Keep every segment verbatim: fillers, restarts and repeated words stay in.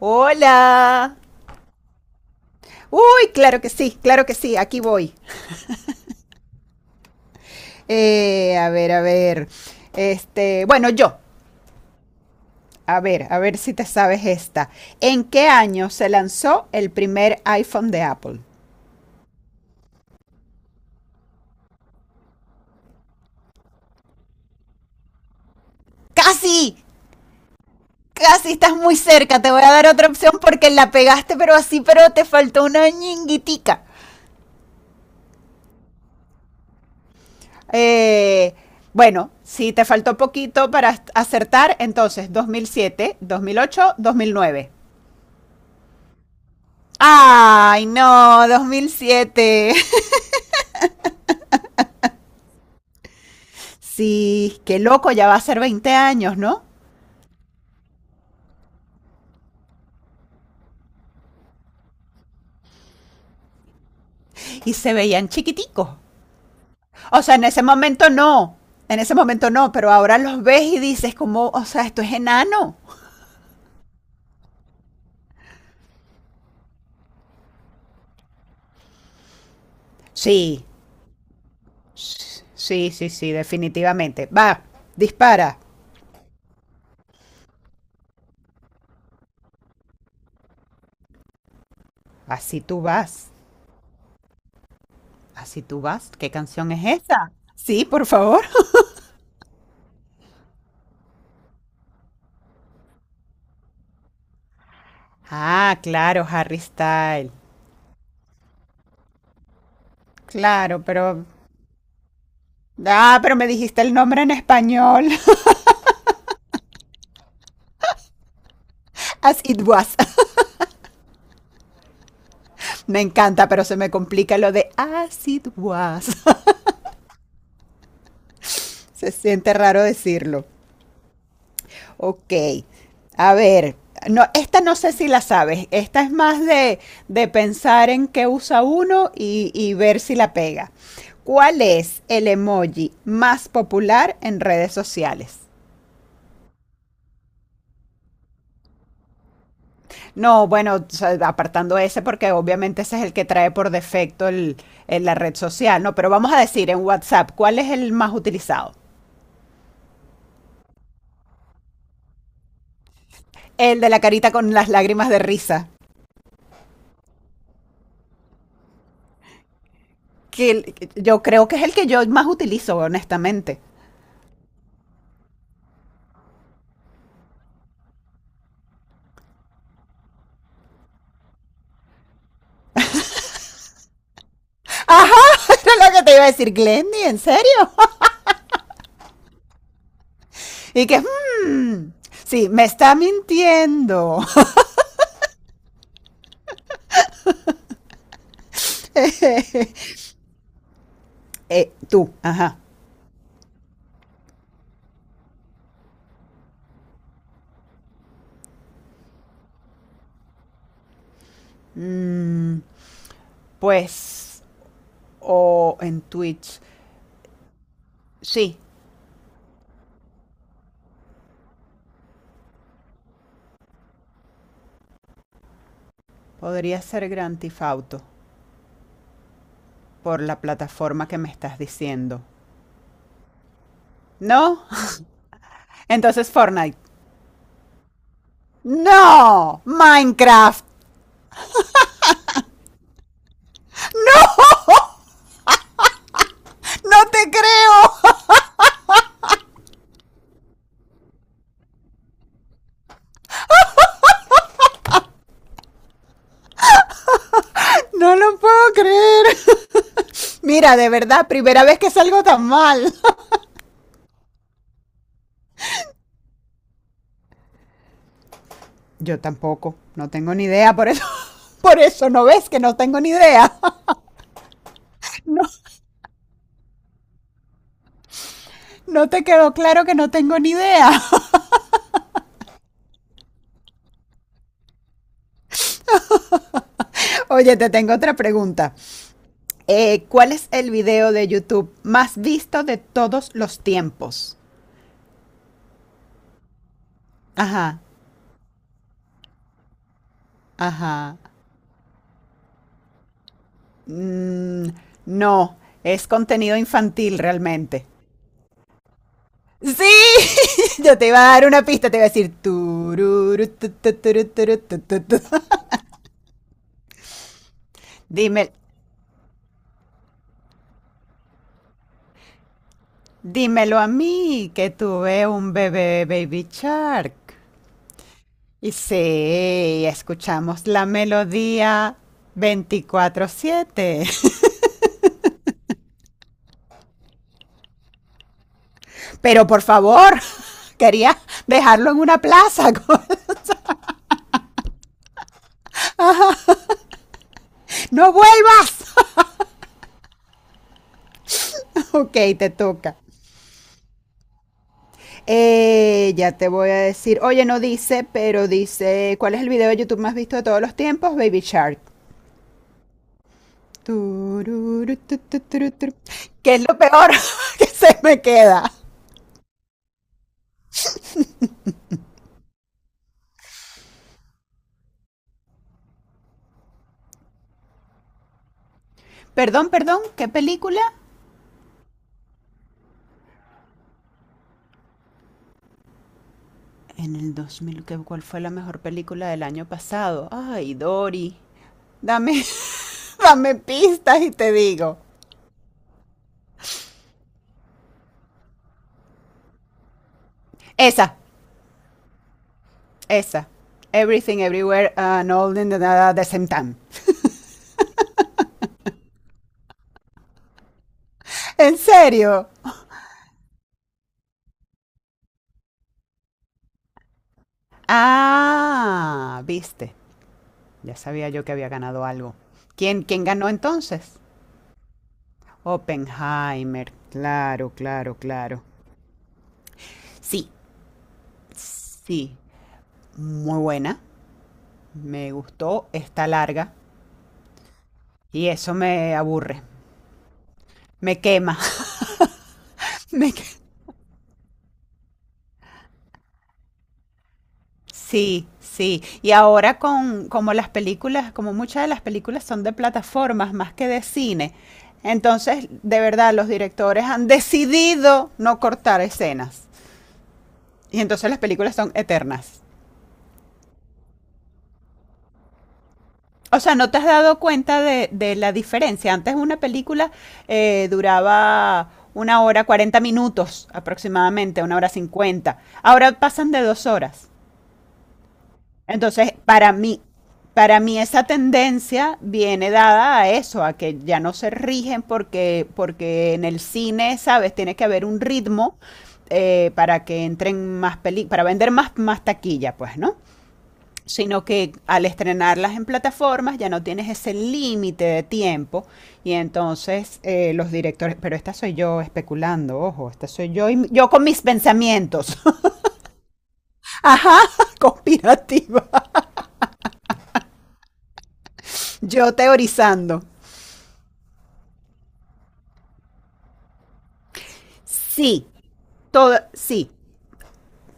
Hola. Uy, claro que sí, claro que sí, aquí voy. Eh, a ver, a ver. Este, bueno, yo. A ver, a ver si te sabes esta. ¿En qué año se lanzó el primer iPhone de Apple? Casi, casi estás muy cerca. Te voy a dar otra opción porque la pegaste, pero así, pero te faltó una ñinguitica. Eh, bueno, si te faltó poquito para acertar, entonces dos dos mil mil siete, dos mil ocho, dos mil nueve. Ay, no, dos mil siete. Sí, qué loco, ya va a ser veinte años, ¿no? Y se veían chiquiticos. O sea, en ese momento no, en ese momento no, pero ahora los ves y dices como, o sea, esto es enano. Sí, sí, sí, sí, definitivamente. Va, dispara. Así tú vas, así tú vas. ¿Qué canción es esa? Sí, por favor. Ah, claro, Harry Style. Claro, pero. Ah, pero me dijiste el nombre en español. As it was. Me encanta, pero se me complica lo de as it was. Se siente raro decirlo. Ok. A ver. No, esta no sé si la sabes. Esta es más de, de pensar en qué usa uno y, y ver si la pega. ¿Cuál es el emoji más popular en redes sociales? No, bueno, o sea, apartando ese porque obviamente ese es el que trae por defecto el, el- la red social, ¿no? Pero vamos a decir en WhatsApp, ¿cuál es el más utilizado? El de la carita con las lágrimas de risa. Que yo creo que es el que yo más utilizo, honestamente. Ajá, eso es lo que te iba a decir, Glendy, ¿en serio? Y que, hmm, sí, me está mintiendo. Eh, tú, ajá. Mm, pues, o en Twitch. Sí, podría ser Grand Theft Auto por la plataforma que me estás diciendo. ¿No? Entonces Fortnite. ¡No! ¡Minecraft! ¡No te creo! No lo puedo creer. Mira, de verdad, primera vez que salgo tan mal. Yo tampoco, no tengo ni idea, por eso. Por eso no ves que no tengo ni idea. No, no te quedó claro que no tengo ni idea. Oye, te tengo otra pregunta. Eh, ¿Cuál es el video de YouTube más visto de todos los tiempos? Ajá, ajá. Mm, no, es contenido infantil realmente. Sí, yo te iba a dar una pista, te iba a decir tururu, tu, tu, turu, turu, tu, tu, tu. Dime, dímelo a mí, que tuve un bebé baby shark. Y sí, escuchamos la melodía veinticuatro siete. Pero por favor, quería dejarlo en una plaza. No vuelvas. Ok, te toca. Eh, ya te voy a decir, oye, no dice, pero dice, ¿cuál es el video de YouTube más visto de todos los tiempos? Baby Shark. Tururu, tu, tu, turu, turu. ¿Qué es lo peor que se me queda? Perdón, perdón, ¿qué película? En el dos mil, ¿qué- ¿cuál fue la mejor película del año pasado? Ay, Dory. Dame, dame pistas y te digo. Esa, esa. Everything, everywhere, and all in the, the same time. ¿En serio? Ah, viste. Ya sabía yo que había ganado algo. ¿Quién, quién ganó entonces? Oppenheimer. Claro, claro, claro. Sí, sí. Muy buena. Me gustó. Está larga. Y eso me aburre. Me quema. Me que- Sí, sí. Y ahora con como las películas, como muchas de las películas son de plataformas más que de cine. Entonces, de verdad, los directores han decidido no cortar escenas. Y entonces las películas son eternas. O sea, ¿no te has dado cuenta de, de la diferencia? Antes una película eh, duraba una hora, cuarenta minutos aproximadamente, una hora cincuenta. Ahora pasan de dos horas. Entonces, para mí, para mí esa tendencia viene dada a eso, a que ya no se rigen porque, porque, en el cine, ¿sabes? Tiene que haber un ritmo eh, para que entren más películas, para vender más, más taquilla, pues, ¿no? Sino que al estrenarlas en plataformas ya no tienes ese límite de tiempo y entonces eh, los directores, pero esta soy yo especulando, ojo, esta soy yo y yo con mis pensamientos, ajá, conspirativa, yo teorizando. Sí, todo, sí,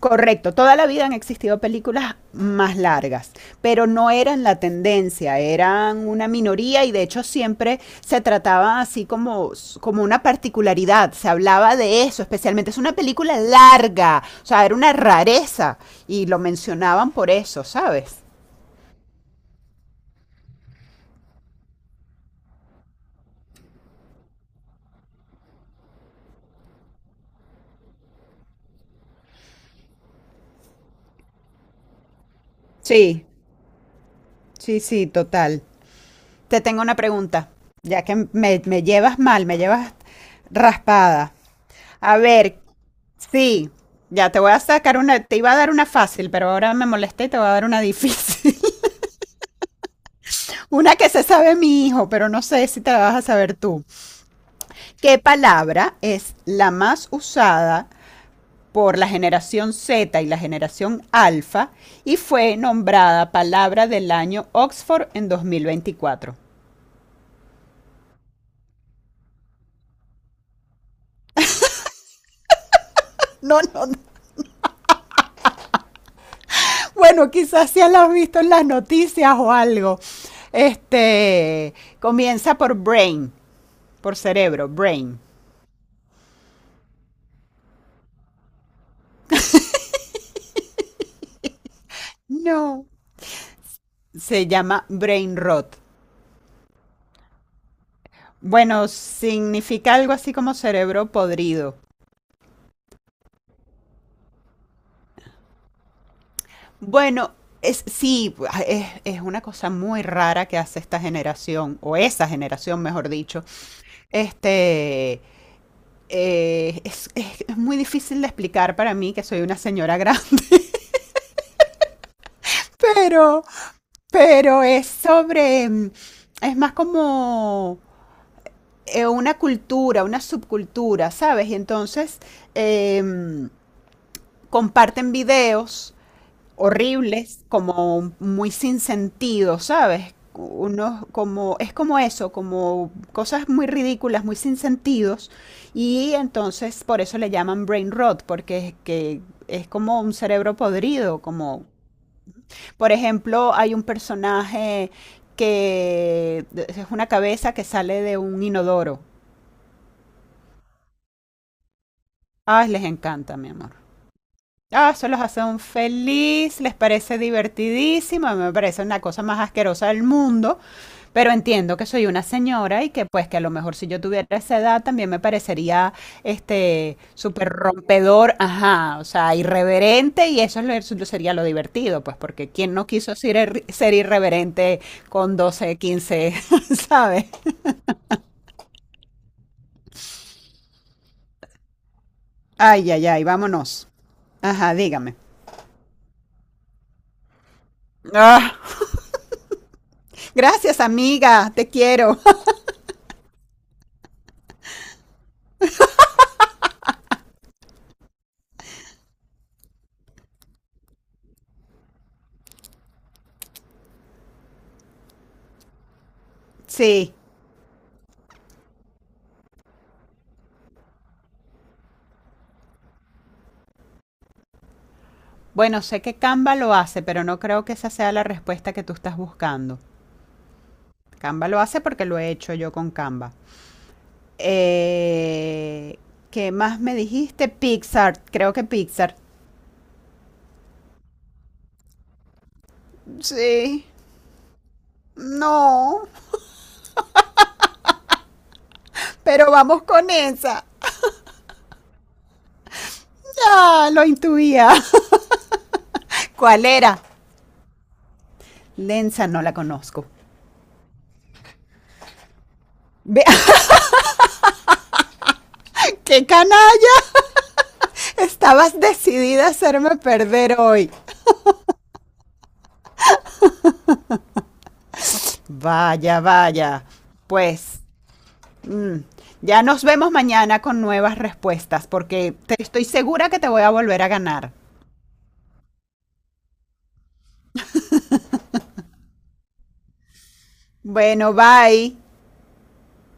correcto, toda la vida han existido películas más largas, pero no eran la tendencia, eran una minoría y de hecho siempre se trataba así como, como una particularidad, se hablaba de eso, especialmente es una película larga, o sea, era una rareza y lo mencionaban por eso, ¿sabes? Sí, sí, sí, total. Te tengo una pregunta, ya que me, me llevas mal, me llevas raspada. A ver, sí, ya te voy a sacar una, te iba a dar una fácil, pero ahora me molesté y te voy a dar una difícil. Una que se sabe mi hijo, pero no sé si te la vas a saber tú. ¿Qué palabra es la más usada por la generación zeta y la generación Alfa y fue nombrada palabra del año Oxford en dos mil veinticuatro? No, no, no. Bueno, quizás ya la has visto en las noticias o algo. Este comienza por brain, por cerebro, brain. No. Se llama brain rot. Bueno, significa algo así como cerebro podrido. Bueno, es, sí, es, es una cosa muy rara que hace esta generación, o esa generación, mejor dicho. Este, eh, es, es- es muy difícil de explicar para mí, que soy una señora grande. pero, pero es sobre, mm, es más como eh, una cultura, una subcultura, ¿sabes? Y entonces, em, comparten videos horribles, como muy sin sentido, ¿sabes? Unos como es como eso, como cosas muy ridículas, muy sin sentidos y entonces por eso le llaman brain rot porque es que es como un cerebro podrido, como por ejemplo, hay un personaje que es una cabeza que sale de un inodoro. Ah, les encanta, mi amor. Ah, eso los hace un feliz, les parece divertidísimo, a mí me parece una cosa más asquerosa del mundo, pero entiendo que soy una señora y que pues que a lo mejor si yo tuviera esa edad también me parecería este súper rompedor, ajá, o sea, irreverente y eso es lo- eso sería lo divertido, pues porque quién no quiso ser, ir- ser irreverente con doce, quince, ¿sabes? Ay, ay, ay, vámonos. Ajá, dígame. Ah, gracias, amiga, te quiero. Sí. Bueno, sé que Canva lo hace, pero no creo que esa sea la respuesta que tú estás buscando. Canva lo hace porque lo he hecho yo con Canva. Eh, ¿Qué más me dijiste? Pixar. Creo que Pixar. Sí. No. Pero vamos con esa. Ya, lo intuía. ¿Cuál era? Lenza no la conozco. Ve- ¡Qué canalla! Estabas decidida a hacerme perder hoy. Vaya, vaya. Pues, Mm, Ya nos vemos mañana con nuevas respuestas, porque te estoy segura que te voy a volver a ganar. Bueno, bye.